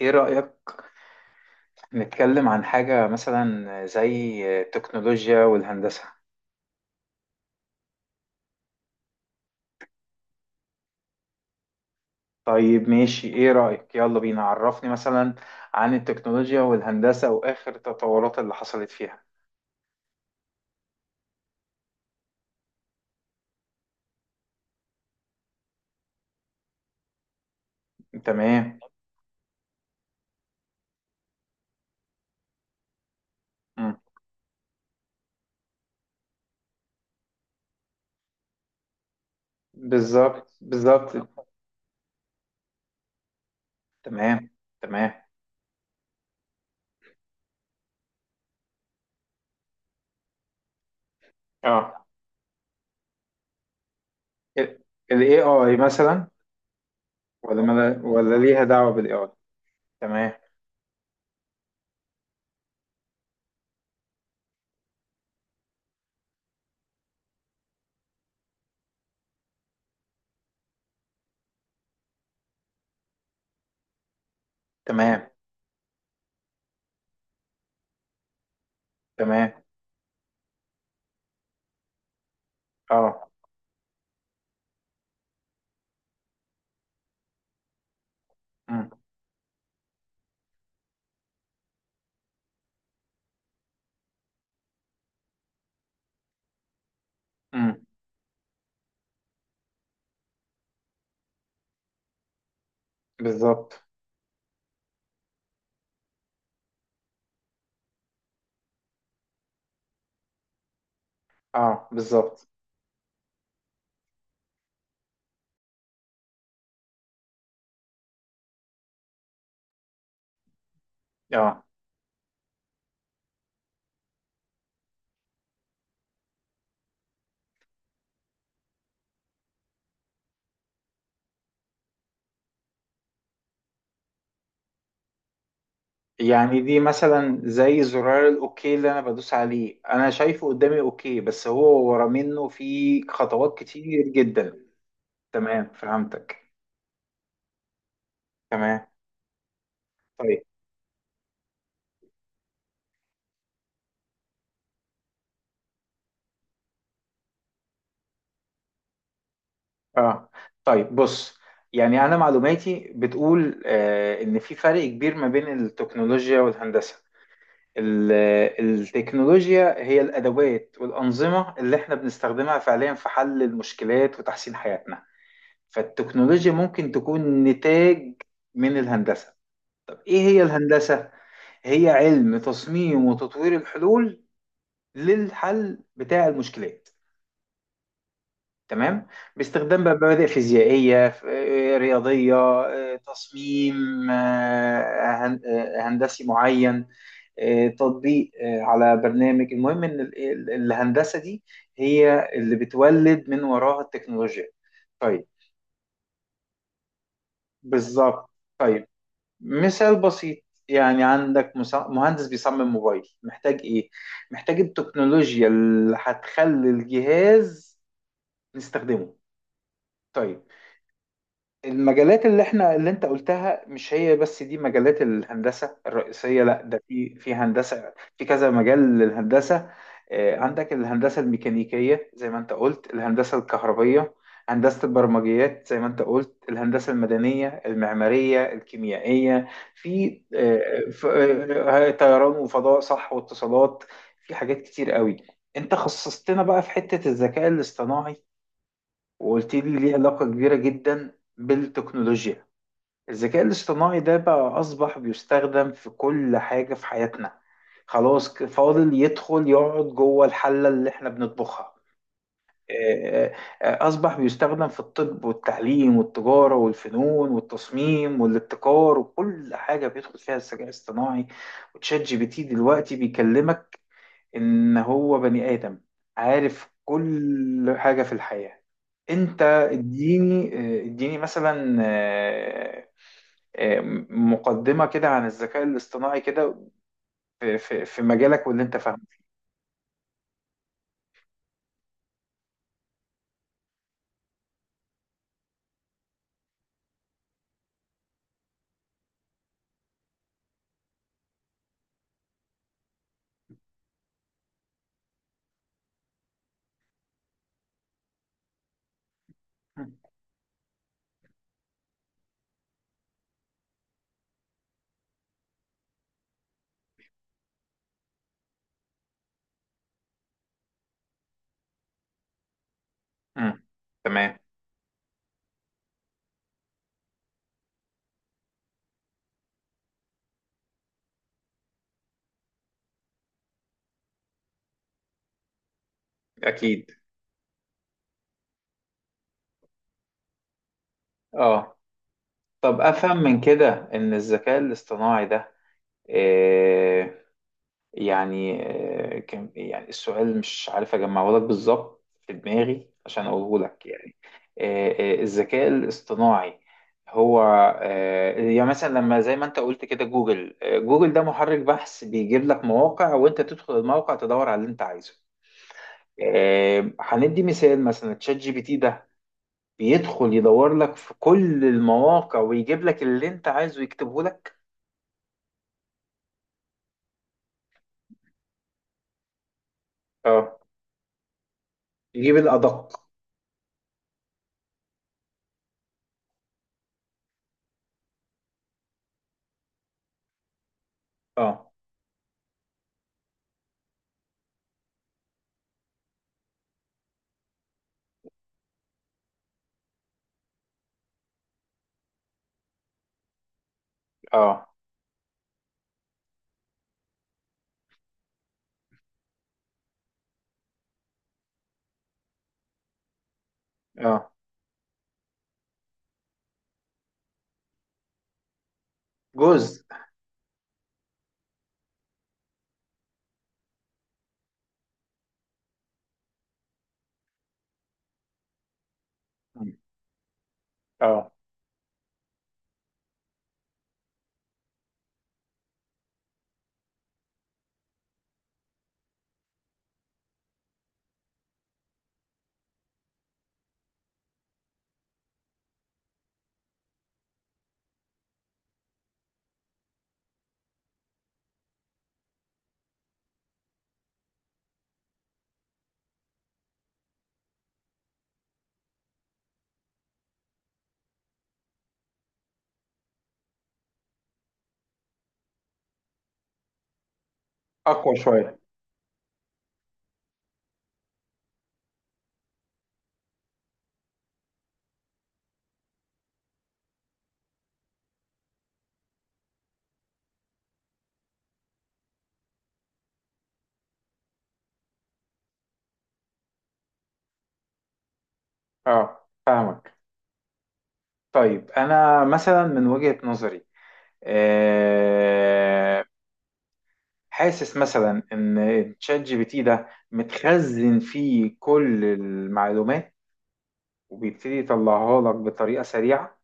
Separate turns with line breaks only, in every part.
ايه رأيك نتكلم عن حاجة مثلا زي التكنولوجيا والهندسة؟ طيب ماشي، ايه رأيك؟ يلا بينا، عرفني مثلا عن التكنولوجيا والهندسة واخر التطورات اللي حصلت فيها. تمام. مم. بالظبط بالظبط. تمام تمام. اه. ال ال AI مثلا. ولا ليها دعوة بال AI؟ تمام تمام تمام. اه. مم. مم. بالظبط. اه، بالظبط. اه، يعني دي مثلا زي زرار الاوكي اللي انا بدوس عليه، انا شايفه قدامي اوكي بس هو ورا منه في خطوات كتير جدا. تمام، فهمتك. تمام. طيب. اه طيب بص، يعني انا معلوماتي بتقول ان في فرق كبير ما بين التكنولوجيا والهندسة. ال- التكنولوجيا هي الادوات والانظمة اللي احنا بنستخدمها فعليا في حل المشكلات وتحسين حياتنا، فالتكنولوجيا ممكن تكون نتاج من الهندسة. ايه هي الهندسة؟ هي علم تصميم وتطوير الحلول للحل بتاع المشكلات، تمام؟ باستخدام بقى مبادئ فيزيائية، رياضية، تصميم هندسي معين، تطبيق على برنامج. المهم ان الهندسة دي هي اللي بتولد من وراها التكنولوجيا. طيب. بالظبط. طيب، مثال بسيط. يعني عندك مهندس بيصمم موبايل، محتاج ايه؟ محتاج التكنولوجيا اللي هتخلي الجهاز نستخدمه. طيب، المجالات اللي احنا اللي انت قلتها مش هي بس دي مجالات الهندسة الرئيسية، لا ده في هندسة، في كذا مجال للهندسة. عندك الهندسة الميكانيكية زي ما انت قلت، الهندسة الكهربية، هندسة البرمجيات زي ما انت قلت، الهندسة المدنية، المعمارية، الكيميائية، في طيران وفضاء، صح، واتصالات، في حاجات كتير قوي. انت خصصتنا بقى في حتة الذكاء الاصطناعي وقلت لي ليه علاقة كبيرة جدا بالتكنولوجيا. الذكاء الاصطناعي ده بقى أصبح بيستخدم في كل حاجة في حياتنا، خلاص فاضل يدخل يقعد جوه الحلة اللي احنا بنطبخها. آه، آه، أصبح بيستخدم في الطب والتعليم والتجارة والفنون والتصميم والابتكار، وكل حاجة بيدخل فيها الذكاء الاصطناعي. وتشات جي بي تي دلوقتي بيكلمك ان هو بني ادم عارف كل حاجة في الحياة. انت اديني مثلا آه، مقدمة كده عن الذكاء الاصطناعي كده في مجالك واللي انت فاهمه. مم. تمام. اكيد. اه. طب افهم من كده ان الذكاء الاصطناعي ده آه، يعني كان، يعني السؤال مش عارف اجمعه لك بالظبط في دماغي عشان اقوله لك. يعني آه، الذكاء الاصطناعي هو يعني مثلا لما زي ما انت قلت كده، جوجل ده محرك بحث بيجيب لك مواقع، وانت تدخل الموقع تدور على اللي انت عايزه. هندي مثال، مثلا تشات جي بي تي ده بيدخل يدور لك في كل المواقع ويجيب لك اللي انت عايزه يكتبه لك. اه، يجيب الادق. اه. اه. اه. جزء. اه، اقوى شويه. اه، فاهمك. طيب، انا مثلا من وجهه نظري آه، حاسس مثلا ان تشات جي بي تي ده متخزن فيه كل المعلومات وبيبتدي يطلعها لك بطريقه سريعه،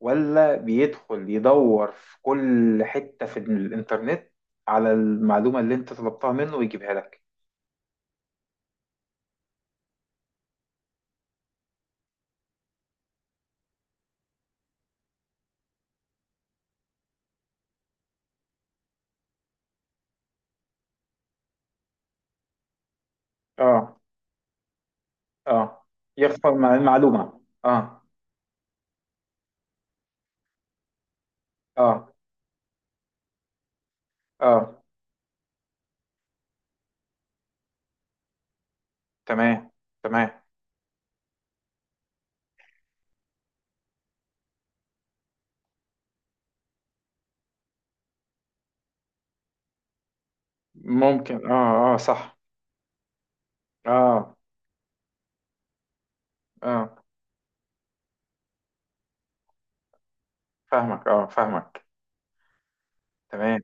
ولا بيدخل يدور في كل حته في الانترنت على المعلومه اللي انت طلبتها منه ويجيبها لك؟ اه. اه، يختار مع المعلومه. اه. اه. اه. تمام تمام. ممكن، اه. اه، صح. اه. اه، فاهمك، اه، فاهمك. تمام.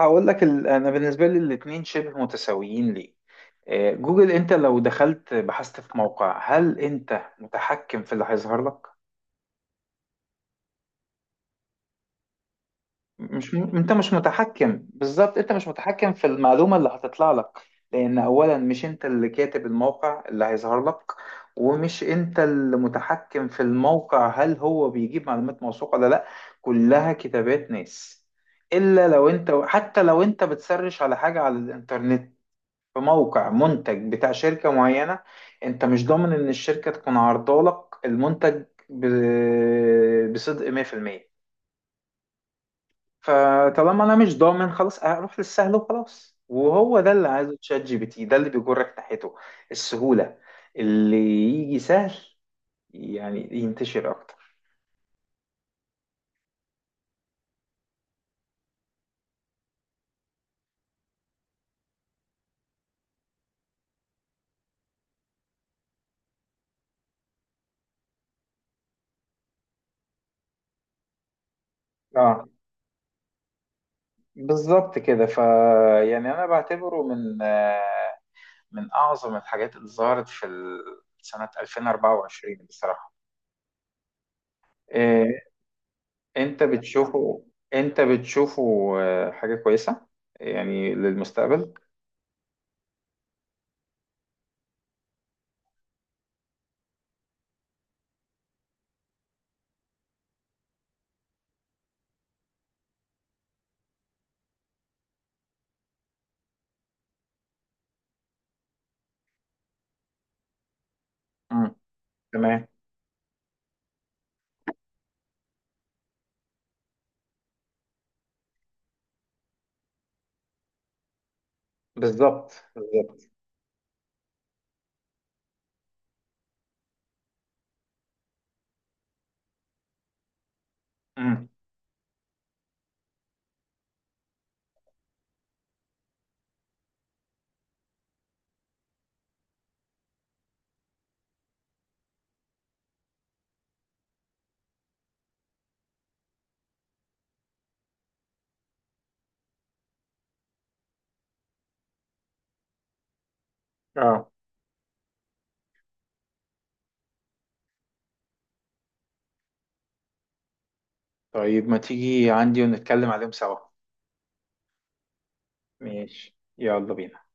هقول لك. انا بالنسبه لي الاثنين شبه متساويين. ليه؟ جوجل، انت لو دخلت بحثت في موقع، هل انت متحكم في اللي هيظهر لك؟ مش م... انت مش متحكم بالظبط، انت مش متحكم في المعلومه اللي هتطلع لك. لان اولا مش انت اللي كاتب الموقع اللي هيظهر لك، ومش انت اللي متحكم في الموقع، هل هو بيجيب معلومات موثوقه ولا لا. كلها كتابات ناس. الا لو انت حتى لو انت بتسرش على حاجه على الانترنت، في موقع منتج بتاع شركه معينه، انت مش ضامن ان الشركه تكون عارضه لك المنتج بصدق 100%. فطالما انا مش ضامن، خلاص اروح للسهل وخلاص، وهو ده اللي عايزه تشات جي بي تي، ده اللي بيجرك ناحيته. السهولة، اللي يجي سهل، يعني ينتشر اكتر. اه، بالظبط كده. يعني انا بعتبره من اعظم الحاجات اللي ظهرت في سنة 2024 بصراحة. إيه، انت بتشوفه، انت بتشوفه حاجة كويسة يعني للمستقبل؟ امم، تمام. بالظبط بالظبط. امم. طيب، ما تيجي عندي ونتكلم عليهم سوا؟ ماشي، يلا بينا.